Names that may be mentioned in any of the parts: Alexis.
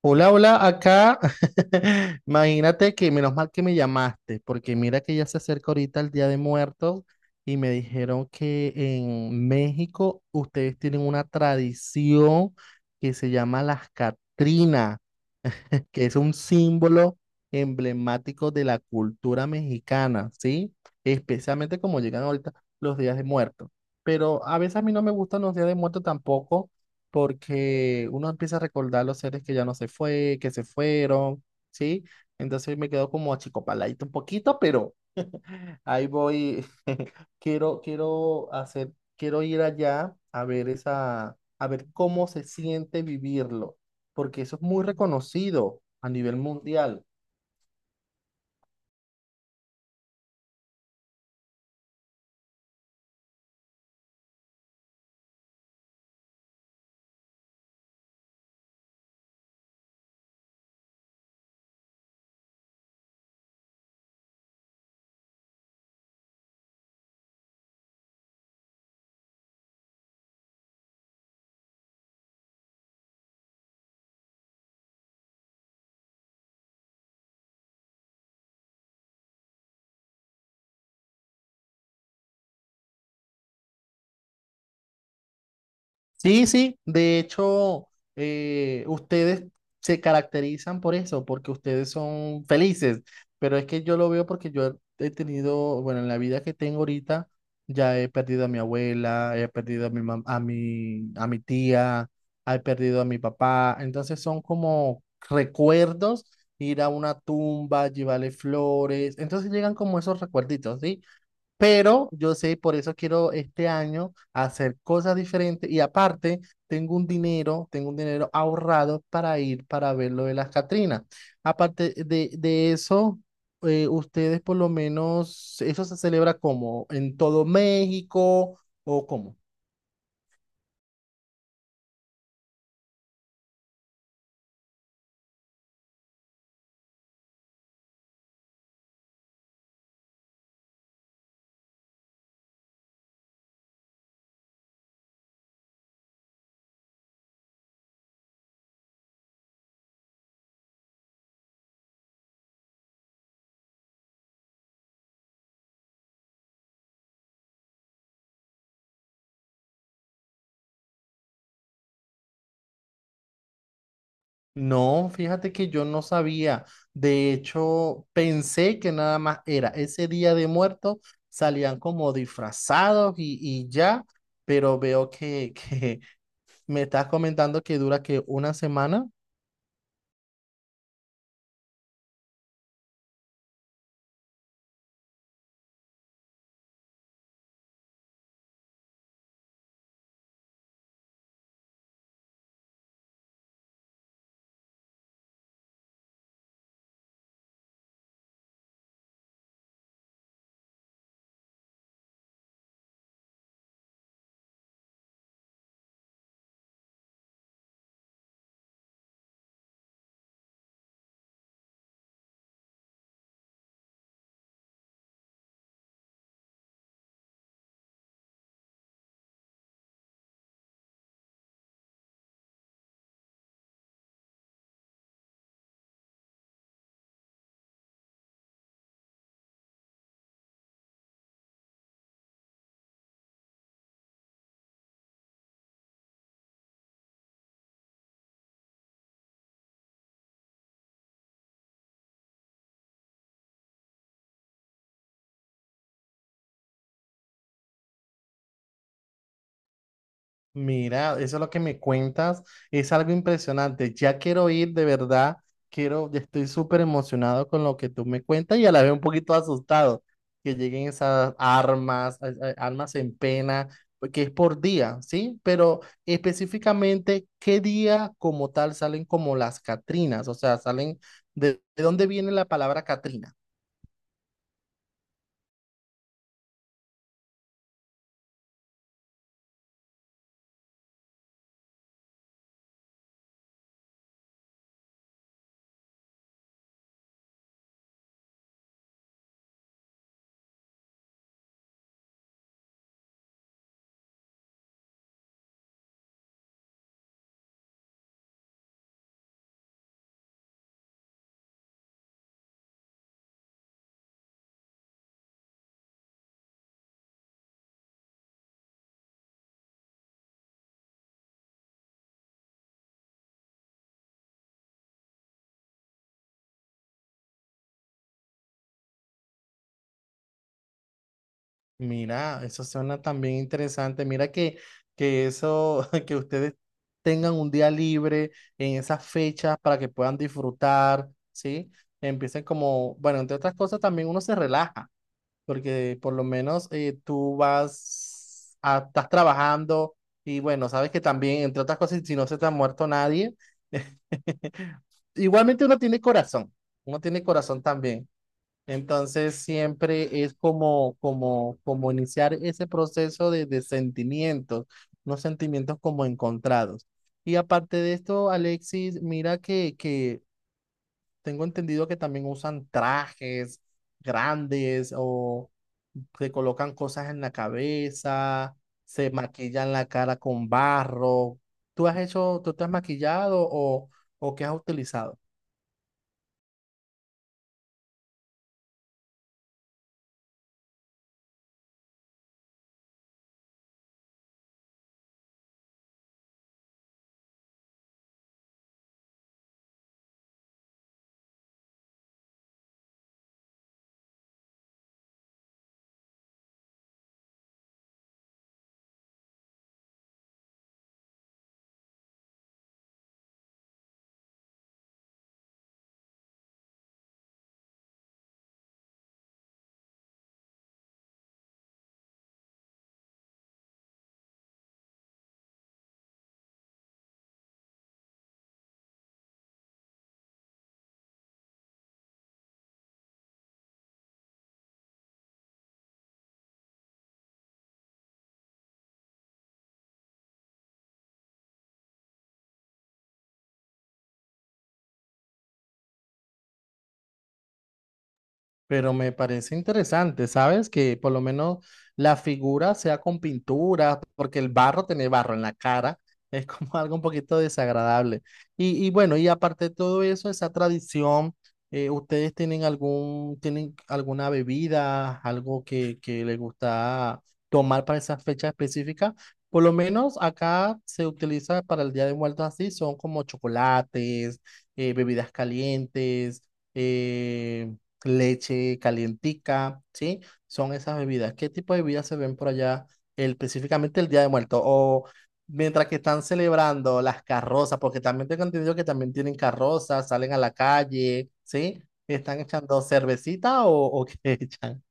Hola, hola, acá. Imagínate que menos mal que me llamaste, porque mira que ya se acerca ahorita el Día de Muertos y me dijeron que en México ustedes tienen una tradición que se llama las Catrinas, que es un símbolo emblemático de la cultura mexicana, ¿sí? Especialmente como llegan ahorita los días de muertos. Pero a veces a mí no me gustan los días de muertos tampoco, porque uno empieza a recordar los seres que ya no se fue, que se fueron, ¿sí? Entonces me quedo como achicopaladito un poquito, pero ahí voy. Quiero hacer, quiero ir allá a a ver cómo se siente vivirlo, porque eso es muy reconocido a nivel mundial. Sí, sí, de hecho, ustedes se caracterizan por eso, porque ustedes son felices, pero es que yo lo veo porque yo he tenido, bueno, en la vida que tengo ahorita, ya he perdido a mi abuela, he perdido a a mi tía, he perdido a mi papá, entonces son como recuerdos, ir a una tumba, llevarle flores, entonces llegan como esos recuerditos, ¿sí? Pero yo sé, por eso quiero este año hacer cosas diferentes y aparte tengo un dinero ahorrado para ir para ver lo de las Catrinas. Aparte de eso, ustedes por lo menos, ¿eso se celebra como en todo México o cómo? No, fíjate que yo no sabía. De hecho, pensé que nada más era ese día de muertos, salían como disfrazados y ya, pero veo que, que me estás comentando que dura que una semana. Mira, eso es lo que me cuentas, es algo impresionante. Ya quiero ir, de verdad, quiero, ya estoy súper emocionado con lo que tú me cuentas y a la vez un poquito asustado que lleguen esas armas, armas en pena, porque es por día, ¿sí? Pero específicamente, ¿qué día como tal salen como las Catrinas? O sea, salen, de dónde viene la palabra Catrina? Mira, eso suena también interesante. Mira que eso, que ustedes tengan un día libre en esas fechas para que puedan disfrutar, ¿sí? Empiecen como, bueno, entre otras cosas también uno se relaja, porque por lo menos tú vas, estás trabajando y bueno, sabes que también, entre otras cosas, si no se te ha muerto nadie, igualmente uno tiene corazón también. Entonces siempre es como iniciar ese proceso de sentimientos, unos sentimientos como encontrados. Y aparte de esto, Alexis, mira que tengo entendido que también usan trajes grandes o se colocan cosas en la cabeza, se maquillan la cara con barro. Tú te has maquillado o qué has utilizado? Pero me parece interesante, ¿sabes? Que por lo menos la figura sea con pintura, porque el barro, tener barro en la cara, es como algo un poquito desagradable. Y bueno, y aparte de todo eso, esa tradición, ¿ustedes tienen alguna bebida, algo que les gusta tomar para esa fecha específica? Por lo menos acá se utiliza para el Día de Muertos así, son como chocolates, bebidas calientes. em, Leche calientica, ¿sí? Son esas bebidas. ¿Qué tipo de bebidas se ven por allá específicamente el Día de Muertos? O mientras que están celebrando las carrozas, porque también tengo entendido que también tienen carrozas, salen a la calle, ¿sí? ¿Están echando cervecita o qué echan?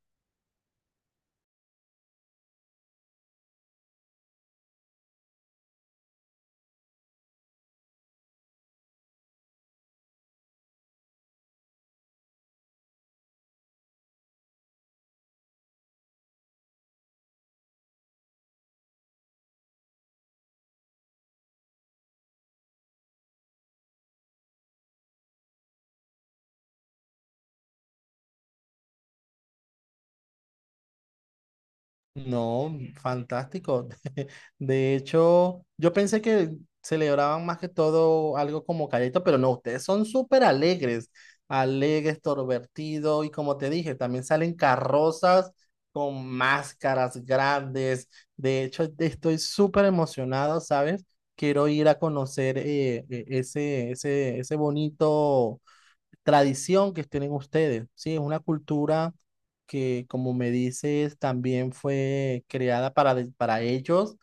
No, fantástico. De hecho, yo pensé que celebraban más que todo algo como calladito, pero no, ustedes son súper alegres, alegres, torvertidos, y como te dije, también salen carrozas con máscaras grandes. De hecho, estoy súper emocionado, ¿sabes? Quiero ir a conocer ese bonito tradición que tienen ustedes, ¿sí? Es una cultura que, como me dices, también fue creada para ellos.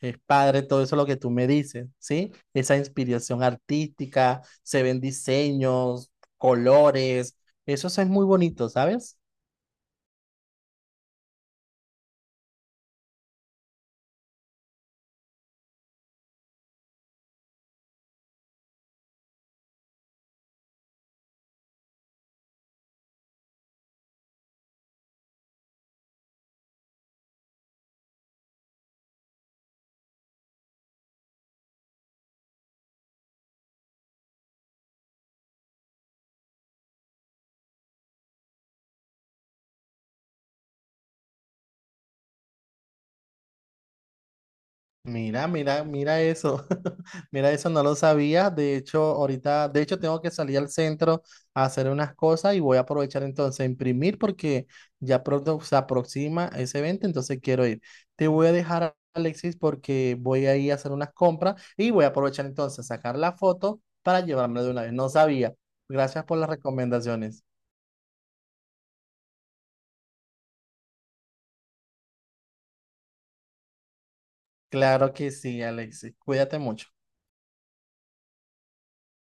Es padre todo eso lo que tú me dices, ¿sí? Esa inspiración artística, se ven diseños, colores, eso es muy bonito, ¿sabes? Mira, mira, mira eso. Mira eso, no lo sabía. De hecho, ahorita, de hecho, tengo que salir al centro a hacer unas cosas y voy a aprovechar entonces a imprimir porque ya pronto se aproxima ese evento, entonces quiero ir. Te voy a dejar, Alexis, porque voy a ir a hacer unas compras y voy a aprovechar entonces a sacar la foto para llevármela de una vez. No sabía. Gracias por las recomendaciones. Claro que sí, Alexis. Cuídate mucho.